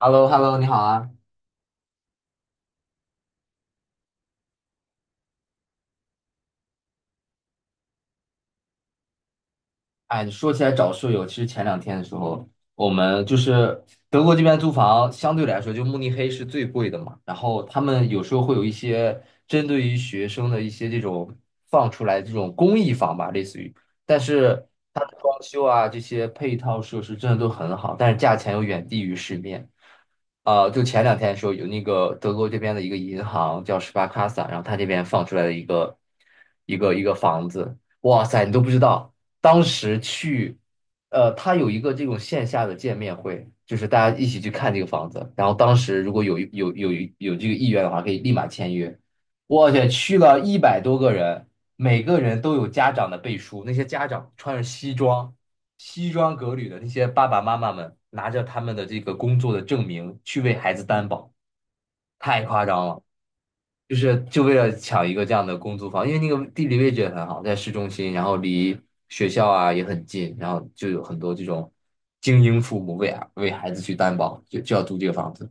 h e l l o h e l l o 你好啊！哎，说起来找舍友，其实前两天的时候，我们就是德国这边租房相对来说，就慕尼黑是最贵的嘛。然后他们有时候会有一些针对于学生的一些这种放出来这种公益房吧，类似于，但是它的装修啊这些配套设施真的都很好，但是价钱又远低于市面。就前两天的时候，有那个德国这边的一个银行叫 s p a r k a s s a 然后他这边放出来的一个房子，哇塞，你都不知道，当时去，他有一个这种线下的见面会，就是大家一起去看这个房子，然后当时如果有这个意愿的话，可以立马签约。我去，去了100多个人，每个人都有家长的背书，那些家长穿着西装革履的那些爸爸妈妈们，拿着他们的这个工作的证明去为孩子担保，太夸张了。就是为了抢一个这样的公租房，因为那个地理位置也很好，在市中心，然后离学校啊也很近，然后就有很多这种精英父母为孩子去担保，就要租这个房子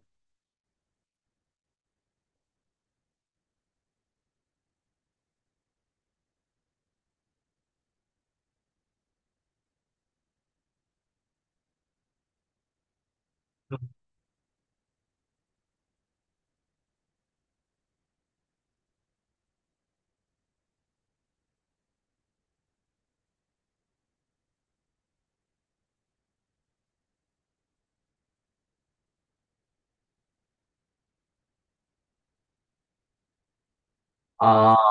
啊。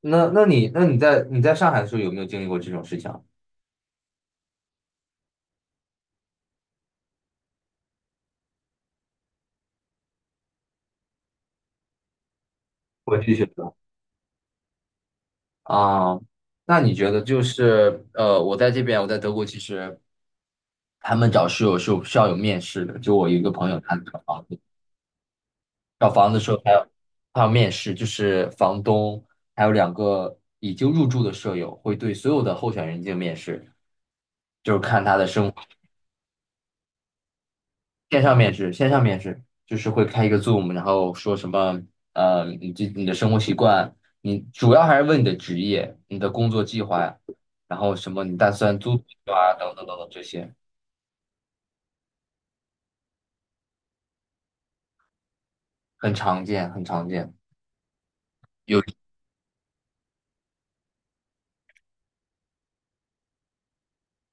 那你在上海的时候有没有经历过这种事情啊？我去继续。啊，那你觉得就是我在这边，我在德国，其实他们找室友是有需要有面试的。就我有一个朋友，他找房子，找房子的时候还要面试，就是房东还有两个已经入住的舍友会对所有的候选人进行面试，就是看他的生活。线上面试，线上面试就是会开一个 Zoom，然后说什么你的生活习惯，你主要还是问你的职业、你的工作计划呀，然后什么你打算租多久啊，等等等等这些。很常见，很常见。有，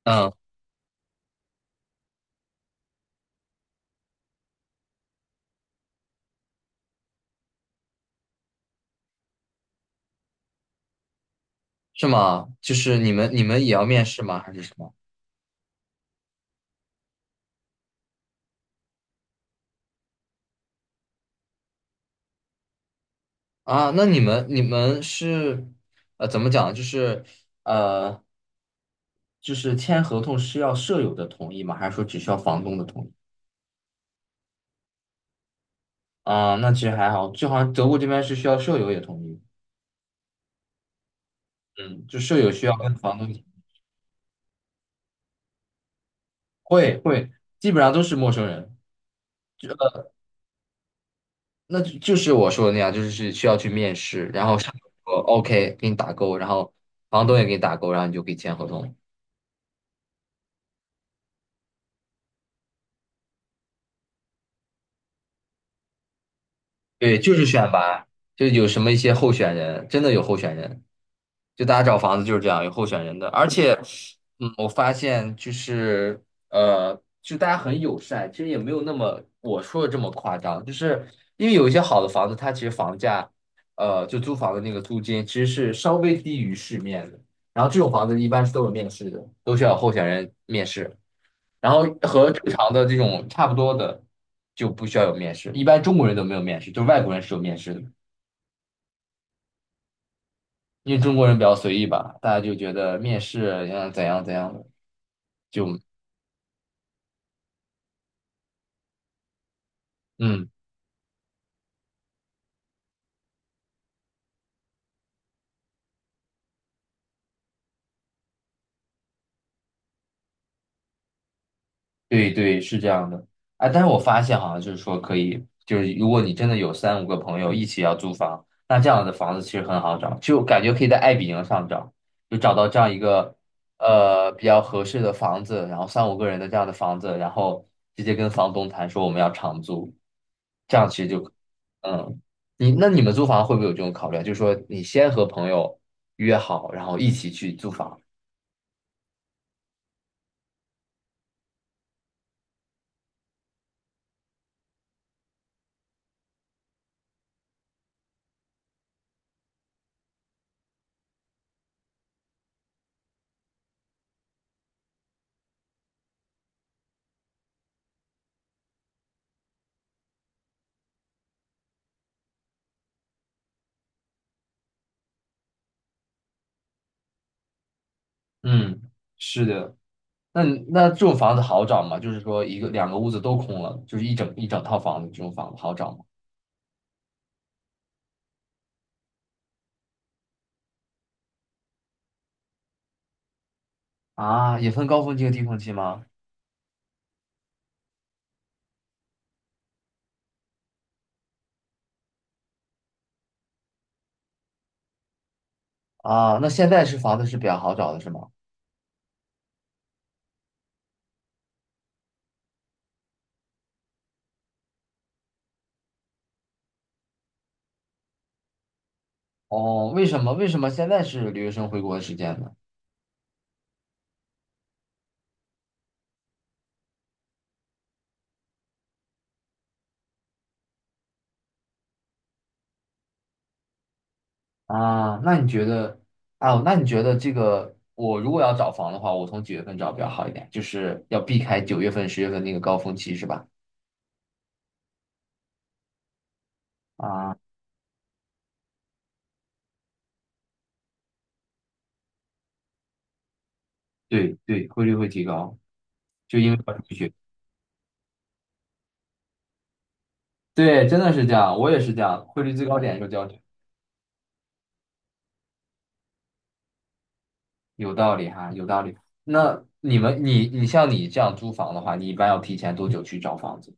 嗯，是吗？就是你们也要面试吗？还是什么？啊，那你们是，怎么讲？就是呃，签合同是要舍友的同意吗？还是说只需要房东的同意？啊，那其实还好，就好像德国这边是需要舍友也同意，嗯，就舍友需要跟房东。会会，基本上都是陌生人。那就是我说的那样，就是是需要去面试，然后上面说 OK 给你打勾，然后房东也给你打勾，然后你就可以签合同。对，就是选拔，就有什么一些候选人，真的有候选人。就大家找房子就是这样，有候选人的，而且，嗯，我发现就是就大家很友善，其实也没有那么我说的这么夸张，就是因为有一些好的房子，它其实房价，就租房的那个租金其实是稍微低于市面的，然后这种房子一般是都有面试的，都需要有候选人面试，然后和正常的这种差不多的就不需要有面试，一般中国人都没有面试，就外国人是有面试的。因为中国人比较随意吧，大家就觉得面试要怎样怎样的，就嗯。对对，是这样的。哎，但是我发现好像就是说可以，就是如果你真的有三五个朋友一起要租房，那这样的房子其实很好找，就感觉可以在爱彼迎上找，就找到这样一个比较合适的房子，然后三五个人的这样的房子，然后直接跟房东谈说我们要长租，这样其实就嗯，你们租房会不会有这种考虑啊？就是说你先和朋友约好，然后一起去租房。嗯，是的，那这种房子好找吗？就是说一个两个屋子都空了，就是一整套房子，这种房子好找吗？啊，也分高峰期和低峰期吗？啊，那现在是房子是比较好找的是吗？哦，为什么现在是留学生回国的时间呢？啊，那你觉得，那你觉得这个我如果要找房的话，我从几月份找比较好一点？就是要避开9月份、十月份那个高峰期是吧？啊，对对，汇率会提高，就因为要入学。对，真的是这样，我也是这样，汇率最高点就交。有道理哈，有道理。那你们，你像你这样租房的话，你一般要提前多久去找房子？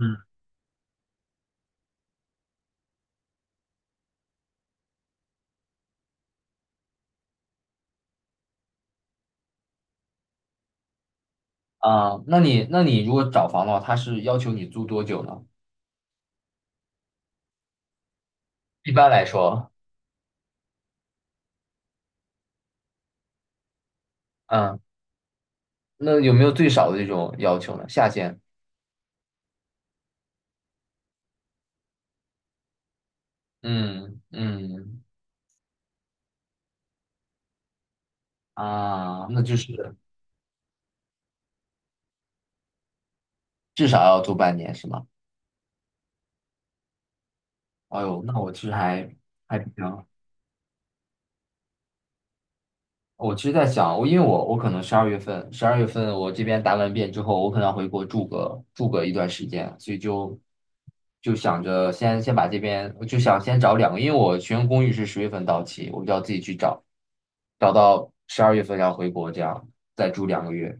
嗯，啊？那那你如果找房的话，他是要求你租多久呢？一般来说，嗯，那有没有最少的这种要求呢？下限？嗯嗯啊，那就是至少要租半年是吗？哎呦，那我其实还比较我其实在想，我因为我可能十二月份我这边答完辩之后，我可能要回国住个一段时间，所以就想着先把这边，我就想先找两个，因为我学生公寓是十月份到期，我就要自己去找，找到十二月份要回国，这样再住2个月。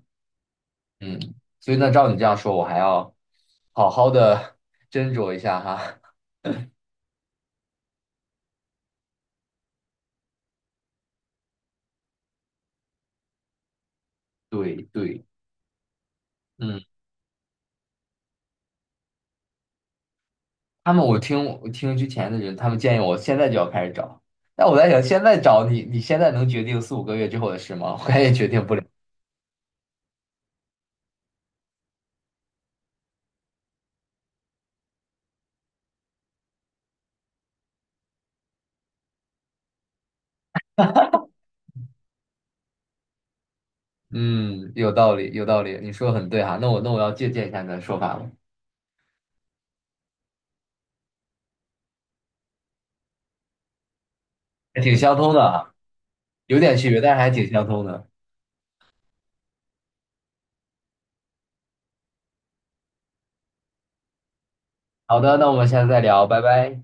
嗯，所以那照你这样说，我还要好好的 斟酌一下哈。对对，嗯。他们我听之前的人，他们建议我现在就要开始找，但我在想，现在找你，你现在能决定四五个月之后的事吗？我也决定不了。嗯，有道理，有道理，你说的很对哈。那我要借鉴一下你的说法了，还挺相通的啊，有点区别，但是还挺相通的。好的，那我们下次再聊，拜拜。